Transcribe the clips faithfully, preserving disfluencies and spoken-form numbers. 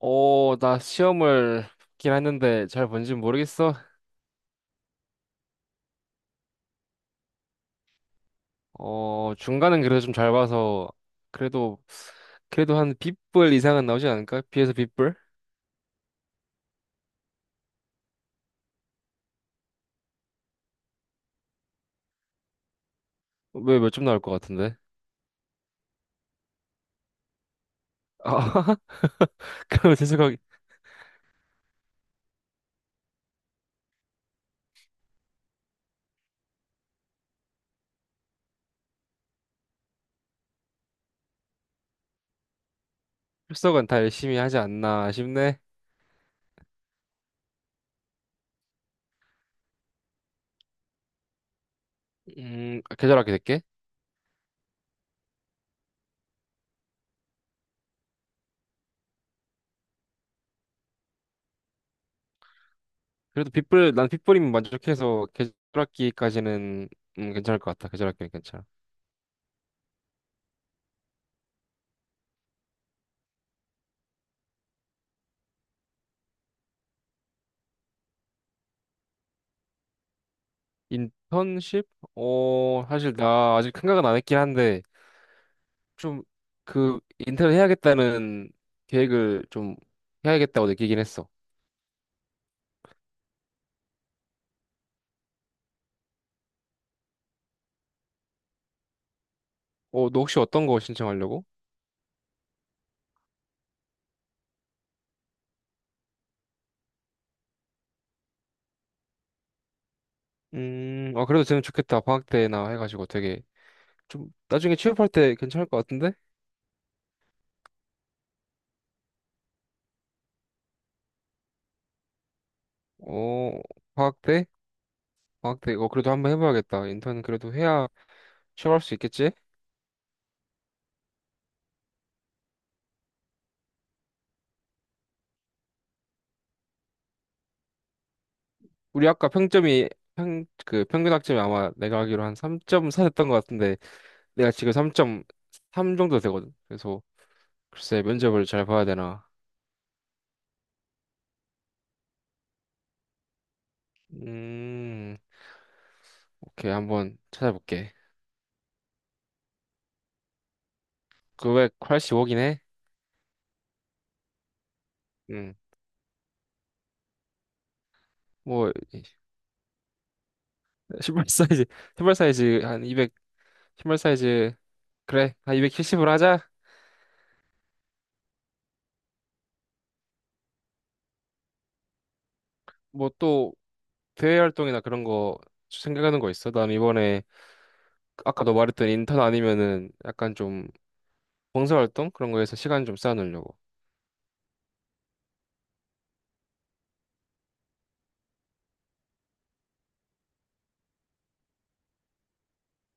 어, 나 시험을 긴 했는데 잘 본지 모르겠어. 어, 중간은 그래도 좀 잘 봐서 그래도 그래도 한 B불 이상은 나오지 않을까? B에서 B불? 왜 몇 점 나올 것 같은데? 아, 그럼 재수강. 출석은 다 열심히 하지 않나 싶네. 음, 계절학기 될게. 그래도 B불 난 빗불이면 만족해서 계절학기까지는 음, 괜찮을 것 같아. 계절학기는 괜찮아. 인턴십? 어, 사실 나 아직 생각은 안 했긴 한데. 좀 그 인턴을 해야겠다는 계획을 좀 해야겠다고 느끼긴 했어. 어, 너 혹시 어떤 거 신청하려고? 음, 아, 그래도 되면 좋겠다. 방학 때나 해가지고 되게 좀 나중에 취업할 때 괜찮을 것 같은데? 어, 방학 때? 방학 때, 어, 그래도 한번 해봐야겠다. 인턴 그래도 해야 취업할 수 있겠지? 우리 아까 평점이 평, 그 평균 학점이 아마 내가 알기로 한 삼 점 사 됐던 것 같은데 내가 지금 삼 점 삼 정도 되거든. 그래서 글쎄 면접을 잘 봐야 되나. 음. 오케이, 한번 찾아볼게. 그 구백팔십오긴 해? 응. 뭐, 이- 신발 사이즈, 신발 사이즈 한 이백, 신발 사이즈, 그래, 한 이백칠십으로 하자. 뭐 또, 대외 활동이나 그런 거 생각하는 거 있어? 난 이번에, 아까 너 말했던 인턴 아니면은 약간 좀 봉사 활동? 그런 거에서 시간 좀 쌓아놓으려고.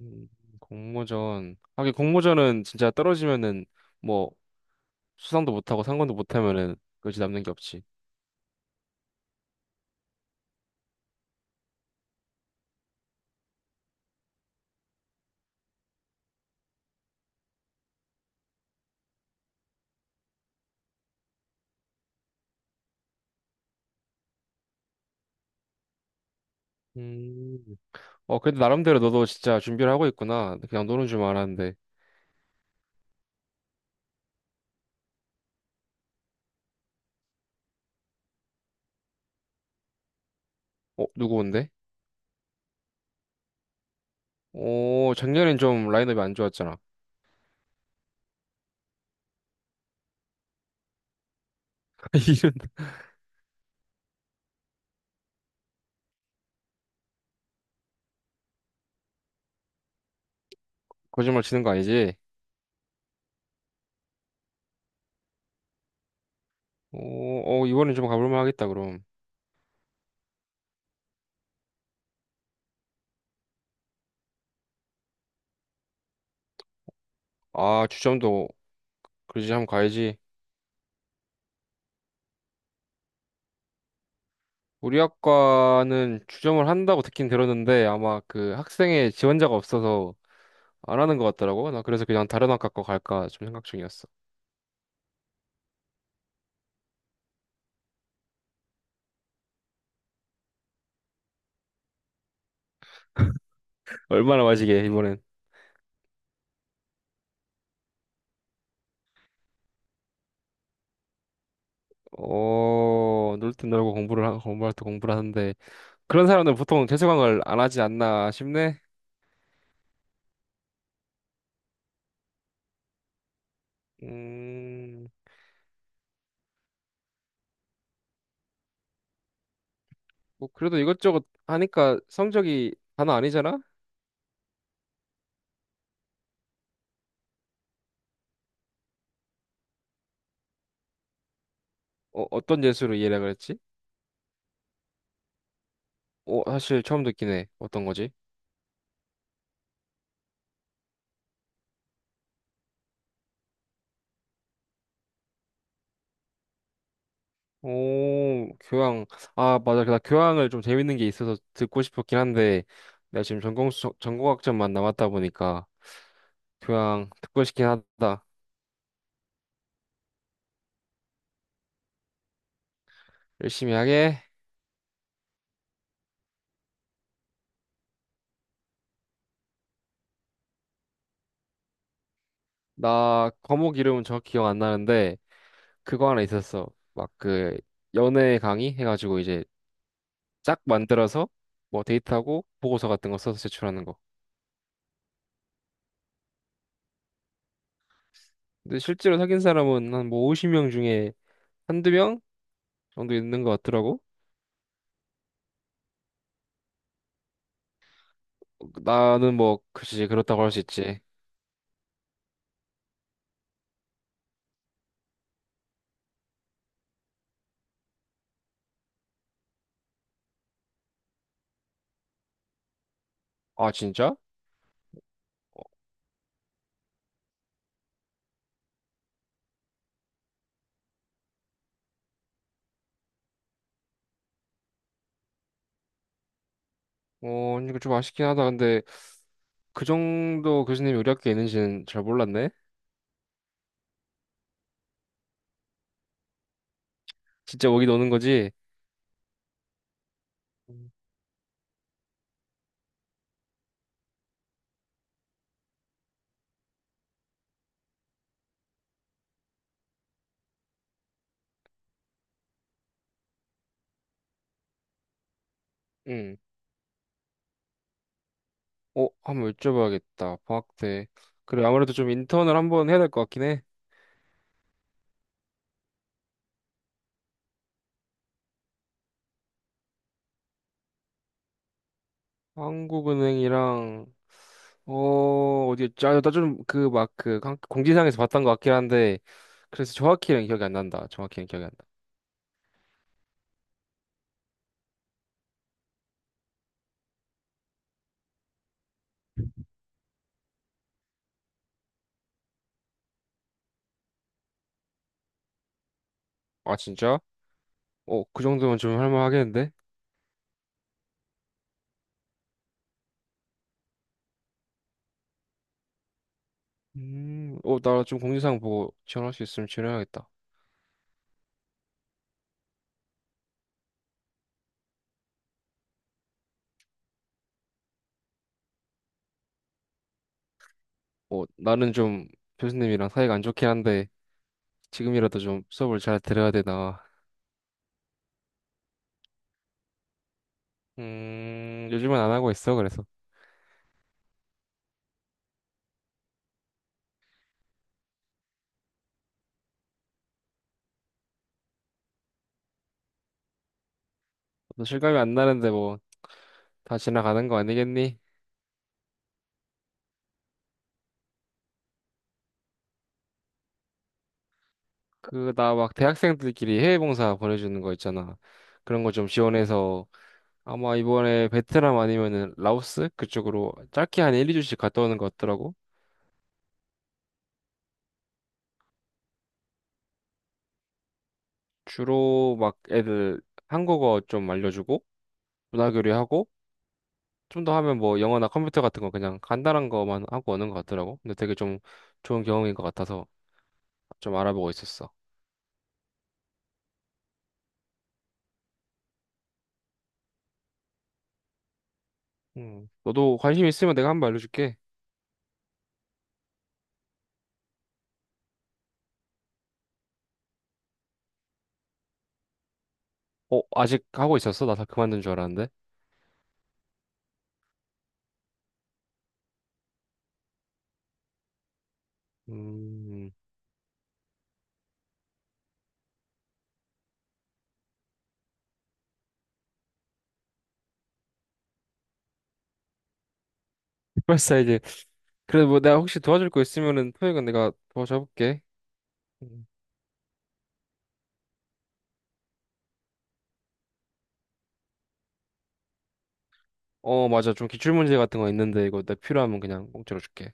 음, 공모전. 하긴 공모전은 진짜 떨어지면은 뭐, 수상도 못하고 상관도 못하면은 그지 남는 게 없지. 음. 어, 그래도 나름대로 너도 진짜 준비를 하고 있구나. 그냥 노는 줄 알았는데. 어, 누구 온대? 어, 작년엔 좀 라인업이 안 좋았잖아. 이런. 거짓말 치는 거 아니지? 어, 어, 이번엔 좀 가볼만 하겠다, 그럼. 아, 주점도, 그러지, 한번 가야지. 우리 학과는 주점을 한다고 듣긴 들었는데, 아마 그 학생의 지원자가 없어서 안 하는 것 같더라고. 나 그래서 그냥 다른 학과 거 갈까 좀 생각 중이었어. 얼마나 마시게, 이번엔. 어, 놀 땐 놀고 공부를, 하- 공부할 때 공부를 하는데, 그런 사람들 보통 재수강을 안 하지 않나 싶네. 음, 뭐 그래도 이것저것 하니까 성적이 단어 아니잖아? 어, 어떤 재수로 이해를 그랬지? 어, 사실 처음 듣긴 해. 어떤 거지? 오, 교양. 아, 맞아. 나 교양을 좀 재밌는 게 있어서 듣고 싶었긴 한데, 내가 지금 전공, 수- 전공학점만 남았다 보니까, 교양 듣고 싶긴 하다. 열심히 하게. 나 과목 이름은 정확히 기억 안 나는데, 그거 하나 있었어. 막 그, 연애 강의 해가지고 이제 쫙 만들어서 뭐 데이트하고 보고서 같은 거 써서 제출하는 거. 근데 실제로 사귄 사람은 한 뭐 오십 명 중에 한두 명 정도 있는 것 같더라고. 나는 뭐 글쎄 그렇다고 할 수 있지. 아 진짜? 어 이거 좀 아쉽긴 하다. 근데 그 정도 교수님이 우리 학교에 있는지는 잘 몰랐네. 진짜 오긴 오는 거지? 음. 응. 어 한번 여쭤봐야겠다. 방학 때. 그래 아무래도 좀 인턴을 한번 해야 될 것 같긴 해. 한국은행이랑 어, 어디, 아, 나좀 그, 막, 그, 강- 공지사항에서 봤던 것 같긴 한데, 그래서 정확히는 기억이 안 난다. 정확히는 기억이 안 나. 아, 진짜? 어, 그 정도면 좀 할만하겠는데? 음, 어, 나 좀 공지사항 보고 지원할 수 있으면 지원해야겠다. 어, 나는 좀 교수님이랑 사이가 안 좋긴 한데, 지금이라도 좀 수업을 잘 들어야 되나. 음, 요즘은 안 하고 있어, 그래서. 또 실감이 안 나는데 뭐, 다 지나가는 거 아니겠니? 그, 나 막 대학생들끼리 해외봉사 보내주는 거 있잖아. 그런 거 좀 지원해서 아마 이번에 베트남 아니면은 라오스 그쪽으로 짧게 한 일, 이 주씩 갔다 오는 것 같더라고. 주로 막 애들 한국어 좀 알려주고 문화 교류하고 좀 더 하면 뭐 영어나 컴퓨터 같은 거 그냥 간단한 거만 하고 오는 것 같더라고. 근데 되게 좀 좋은 경험인 것 같아서 좀 알아보고 있었어. 음, 너도 관심 있으면 내가 한번 알려줄게. 어, 아직 하고 있었어? 나 다 그만둔 줄 알았는데. 음, 벌써 이제 그래도 뭐 내가 혹시 도와줄 거 있으면은 토익은 내가 도와줘볼게. 음. 어, 맞아. 좀 기출 문제 같은 거 있는데 이거 내 필요하면 그냥 공짜로 줄게.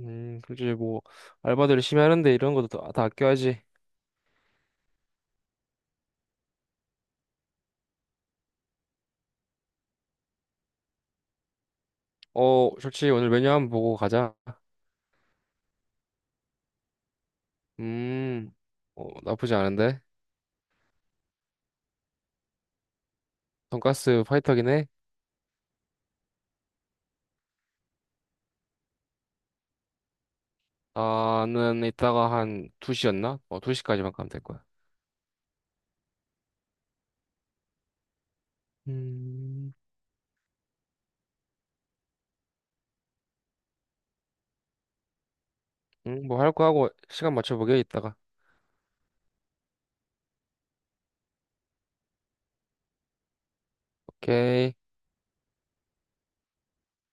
음, 그렇지 뭐 알바들 열심히 하는데 이런 것도 다, 다 아껴야지. 어, 솔직히 오늘 메뉴 한번 보고 가자. 음, 어, 나쁘지 않은데. 돈가스 파이터긴 해. 나는 이따가 한 두 시였나? 어, 두 시까지만 가면 될 거야. 음, 음, 뭐 할 거 하고 시간 맞춰보게 이따가. 오케이.